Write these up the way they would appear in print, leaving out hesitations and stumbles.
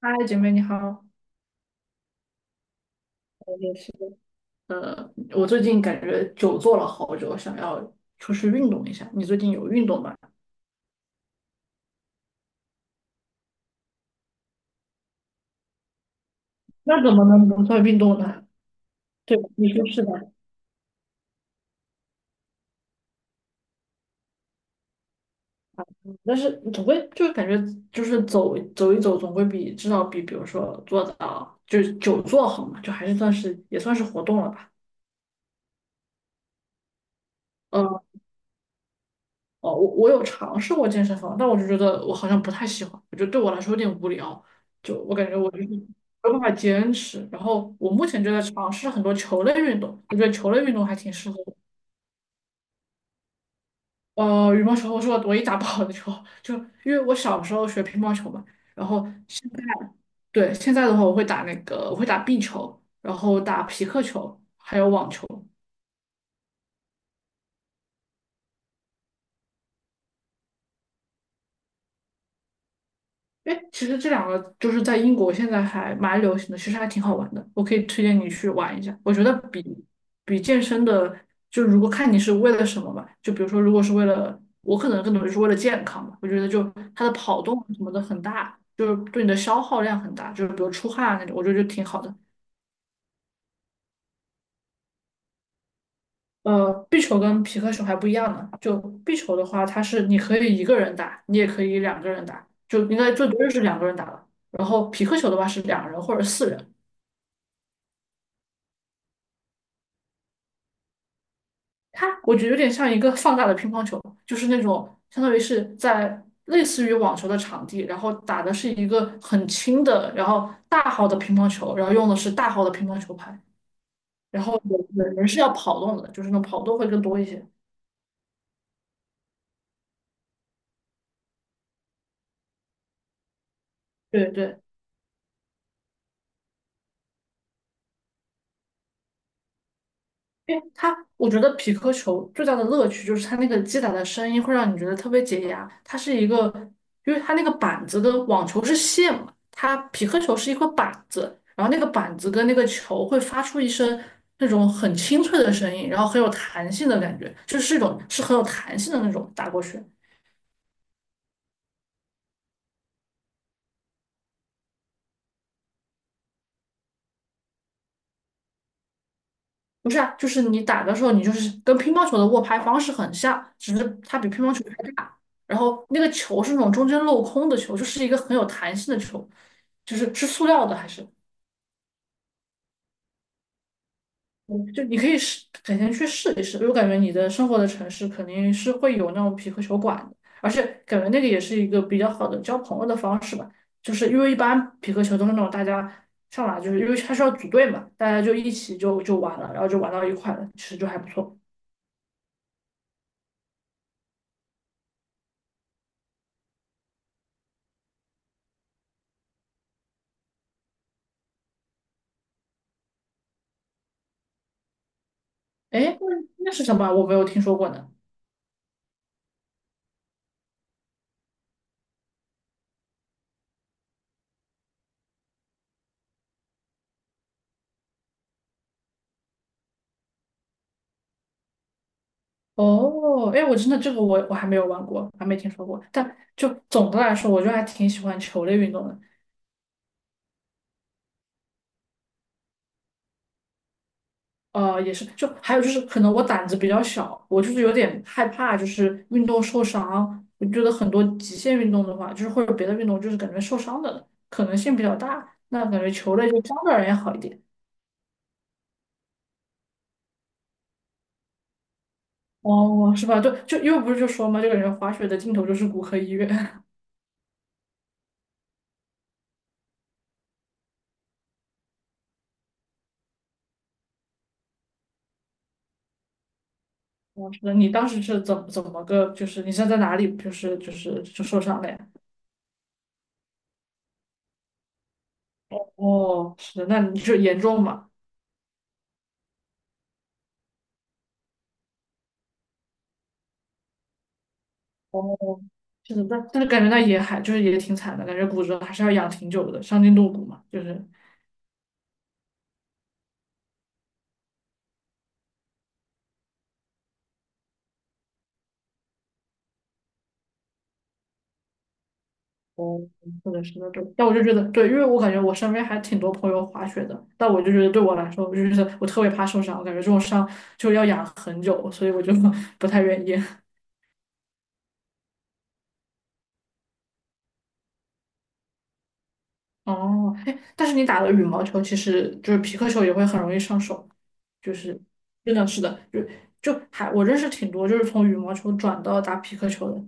嗨，姐妹你好。我也是，我最近感觉久坐了好久，想要出去运动一下。你最近有运动吗？那怎么能不算运动呢？对吧你说是吧？但是总归就是感觉就是走一走，总归比至少比如说坐到就是久坐好嘛，就还是算是也算是活动了吧。嗯。哦，我有尝试过健身房，但我就觉得我好像不太喜欢，我觉得对我来说有点无聊，就我感觉我就是没有办法坚持。然后我目前就在尝试很多球类运动，我觉得球类运动还挺适合我。羽毛球我是唯一打不好的球，就因为我小时候学乒乓球嘛，然后现在对现在的话我会打壁球，然后打皮克球，还有网球。哎，其实这两个就是在英国现在还蛮流行的，其实还挺好玩的，我可以推荐你去玩一下。我觉得比健身的，就如果看你是为了什么吧，就比如说如果是为了，我可能更多就是为了健康吧，我觉得就它的跑动什么的很大，就是对你的消耗量很大，就是比如出汗啊那种，我觉得就挺好的。壁球跟皮克球还不一样呢，就壁球的话，它是你可以一个人打，你也可以两个人打，就应该最多就是两个人打了。然后皮克球的话是两人或者四人。它我觉得有点像一个放大的乒乓球，就是那种相当于是在类似于网球的场地，然后打的是一个很轻的，然后大号的乒乓球，然后用的是大号的乒乓球拍，然后有人是要跑动的，就是那种跑动会更多一些。对对，因为它，我觉得匹克球最大的乐趣就是它那个击打的声音会让你觉得特别解压。它是一个，因为它那个板子的网球是线嘛，它匹克球是一块板子，然后那个板子跟那个球会发出一声那种很清脆的声音，然后很有弹性的感觉，就是一种是很有弹性的那种打过去。不是啊，就是你打的时候，你就是跟乒乓球的握拍方式很像，只是它比乒乓球拍大。然后那个球是那种中间镂空的球，就是一个很有弹性的球，就是是塑料的还是？嗯就你可以试，改天去试一试。因为我感觉你的生活的城市肯定是会有那种匹克球馆的，而且感觉那个也是一个比较好的交朋友的方式吧。就是因为一般匹克球都是那种大家上来，就是因为它是要组队嘛，大家就一起就玩了，然后就玩到一块了，其实就还不错。哎，那是什么？我没有听说过呢。哦，哎，我真的这个我还没有玩过，还没听说过。但就总的来说，我就还挺喜欢球类运动的。也是，就还有就是，可能我胆子比较小，我就是有点害怕，就是运动受伤。我觉得很多极限运动的话，就是或者别的运动，就是感觉受伤的可能性比较大。那感觉球类就相对而言好一点。哦，是吧？就因为不是就说嘛，就感觉滑雪的尽头就是骨科医院。哦，那你当时是怎么个，就是你是在哪里，就是受伤了呀？哦，是的，那你就是严重吗？哦，是的，那但是感觉那也还就是也挺惨的，感觉骨折还是要养挺久的，伤筋动骨嘛，就是。哦，是的，是的，对。但我就觉得，对，因为我感觉我身边还挺多朋友滑雪的，但我就觉得对我来说，我就觉得我特别怕受伤，我感觉这种伤就要养很久，所以我就 不太愿意。哦，哎，但是你打了羽毛球，其实就是皮克球也会很容易上手，就是真的，是的，就还我认识挺多，就是从羽毛球转到打皮克球的，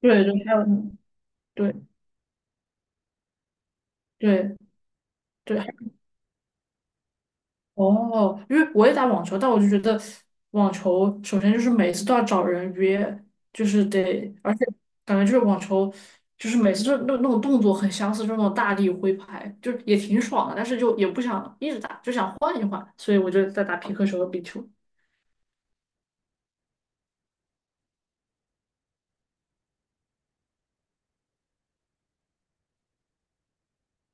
对，就还有对对对，哦，因为我也打网球，但我就觉得网球首先就是每次都要找人约，就是得，而且感觉就是网球就是每次就那种动作很相似，就那种大力挥拍，就也挺爽的，但是就也不想一直打，就想换一换，所以我就在打皮克球和壁球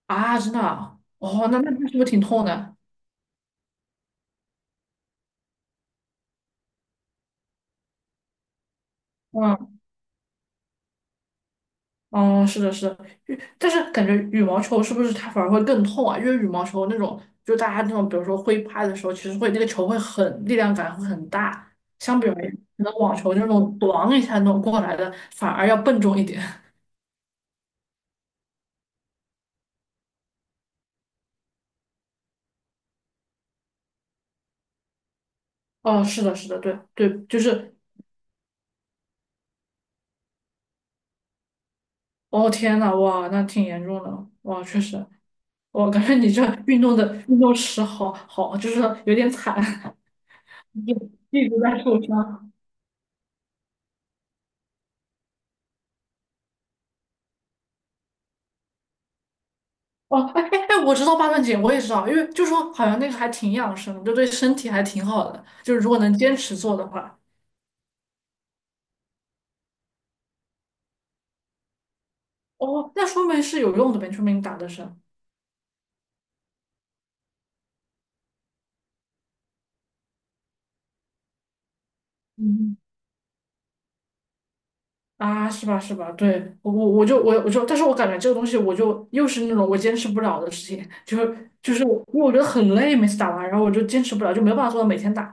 啊，真的啊哦，那是不是挺痛的？嗯嗯，是的，是的，羽但是感觉羽毛球是不是它反而会更痛啊？因为羽毛球那种，就大家那种，比如说挥拍的时候，其实会那个球会很力量感会很大，相比而言，可能网球那种咣一下那种过来的，反而要笨重一点。哦，是的，是的，对对，就是，哦天呐，哇，那挺严重的，哇，确实，我感觉你这运动的运动史好好，就是有点惨，一直在受伤。哦，哎哎哎，我知道八段锦，我也知道，因为就说好像那个还挺养生的就对身体还挺好的，就是如果能坚持做的话。哦，那说明是有用的呗，说明你打的是，嗯，啊，是吧？是吧？对，我就，但是我感觉这个东西我就又是那种我坚持不了的事情，就是我因为我觉得很累，每次打完，然后我就坚持不了，就没有办法做到每天打。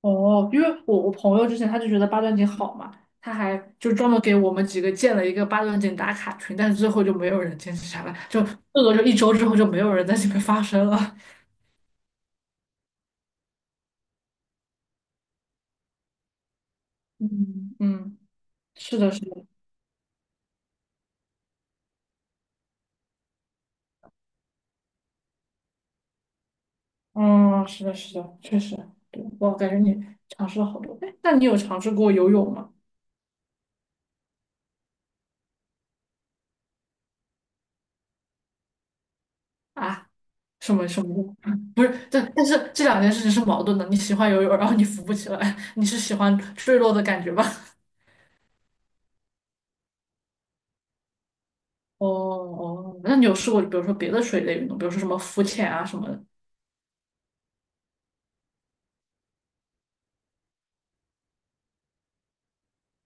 哦，因为我朋友之前他就觉得八段锦好嘛，他还就专门给我们几个建了一个八段锦打卡群，但是最后就没有人坚持下来，就这个就一周之后就没有人在这边发声了。嗯嗯，是的，是的，嗯，是的，是的，确实，对，我感觉你尝试了好多。哎，那你有尝试过游泳吗？啊，什么什么？的？不是，但但是这两件事情是矛盾的。你喜欢游泳，然后你浮不起来，你是喜欢坠落的感觉吧？哦哦，那你有试过，比如说别的水类运动，比如说什么浮潜啊什么的？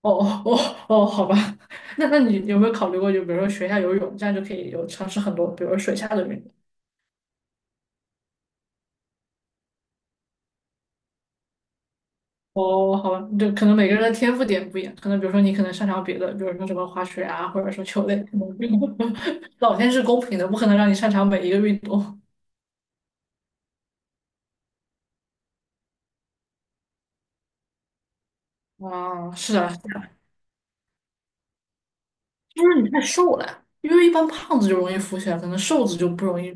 哦哦哦哦，好吧，那你有没有考虑过，就比如说学一下游泳，这样就可以有尝试很多，比如说水下的运动？哦，好吧，就可能每个人的天赋点不一样，可能比如说你可能擅长别的，比如说什么滑雪啊，或者说球类，可能 老天是公平的，不可能让你擅长每一个运动。啊，是啊，就是你太瘦了，因为一般胖子就容易浮起来，可能瘦子就不容易。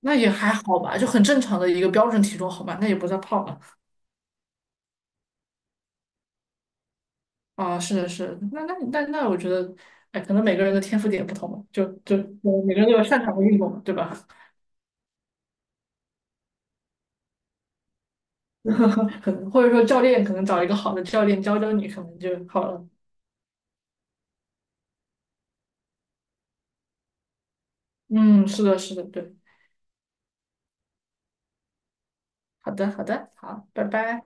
那也还好吧，就很正常的一个标准体重，好吧，那也不算胖了啊。是的，是的，那，我觉得，哎，可能每个人的天赋点不同吧，就呃每个人都有擅长的运动嘛，对吧？可能或者说教练可能找一个好的教练教教你，可能就好了。嗯，是的，是的，对，好的，好的，好，拜拜。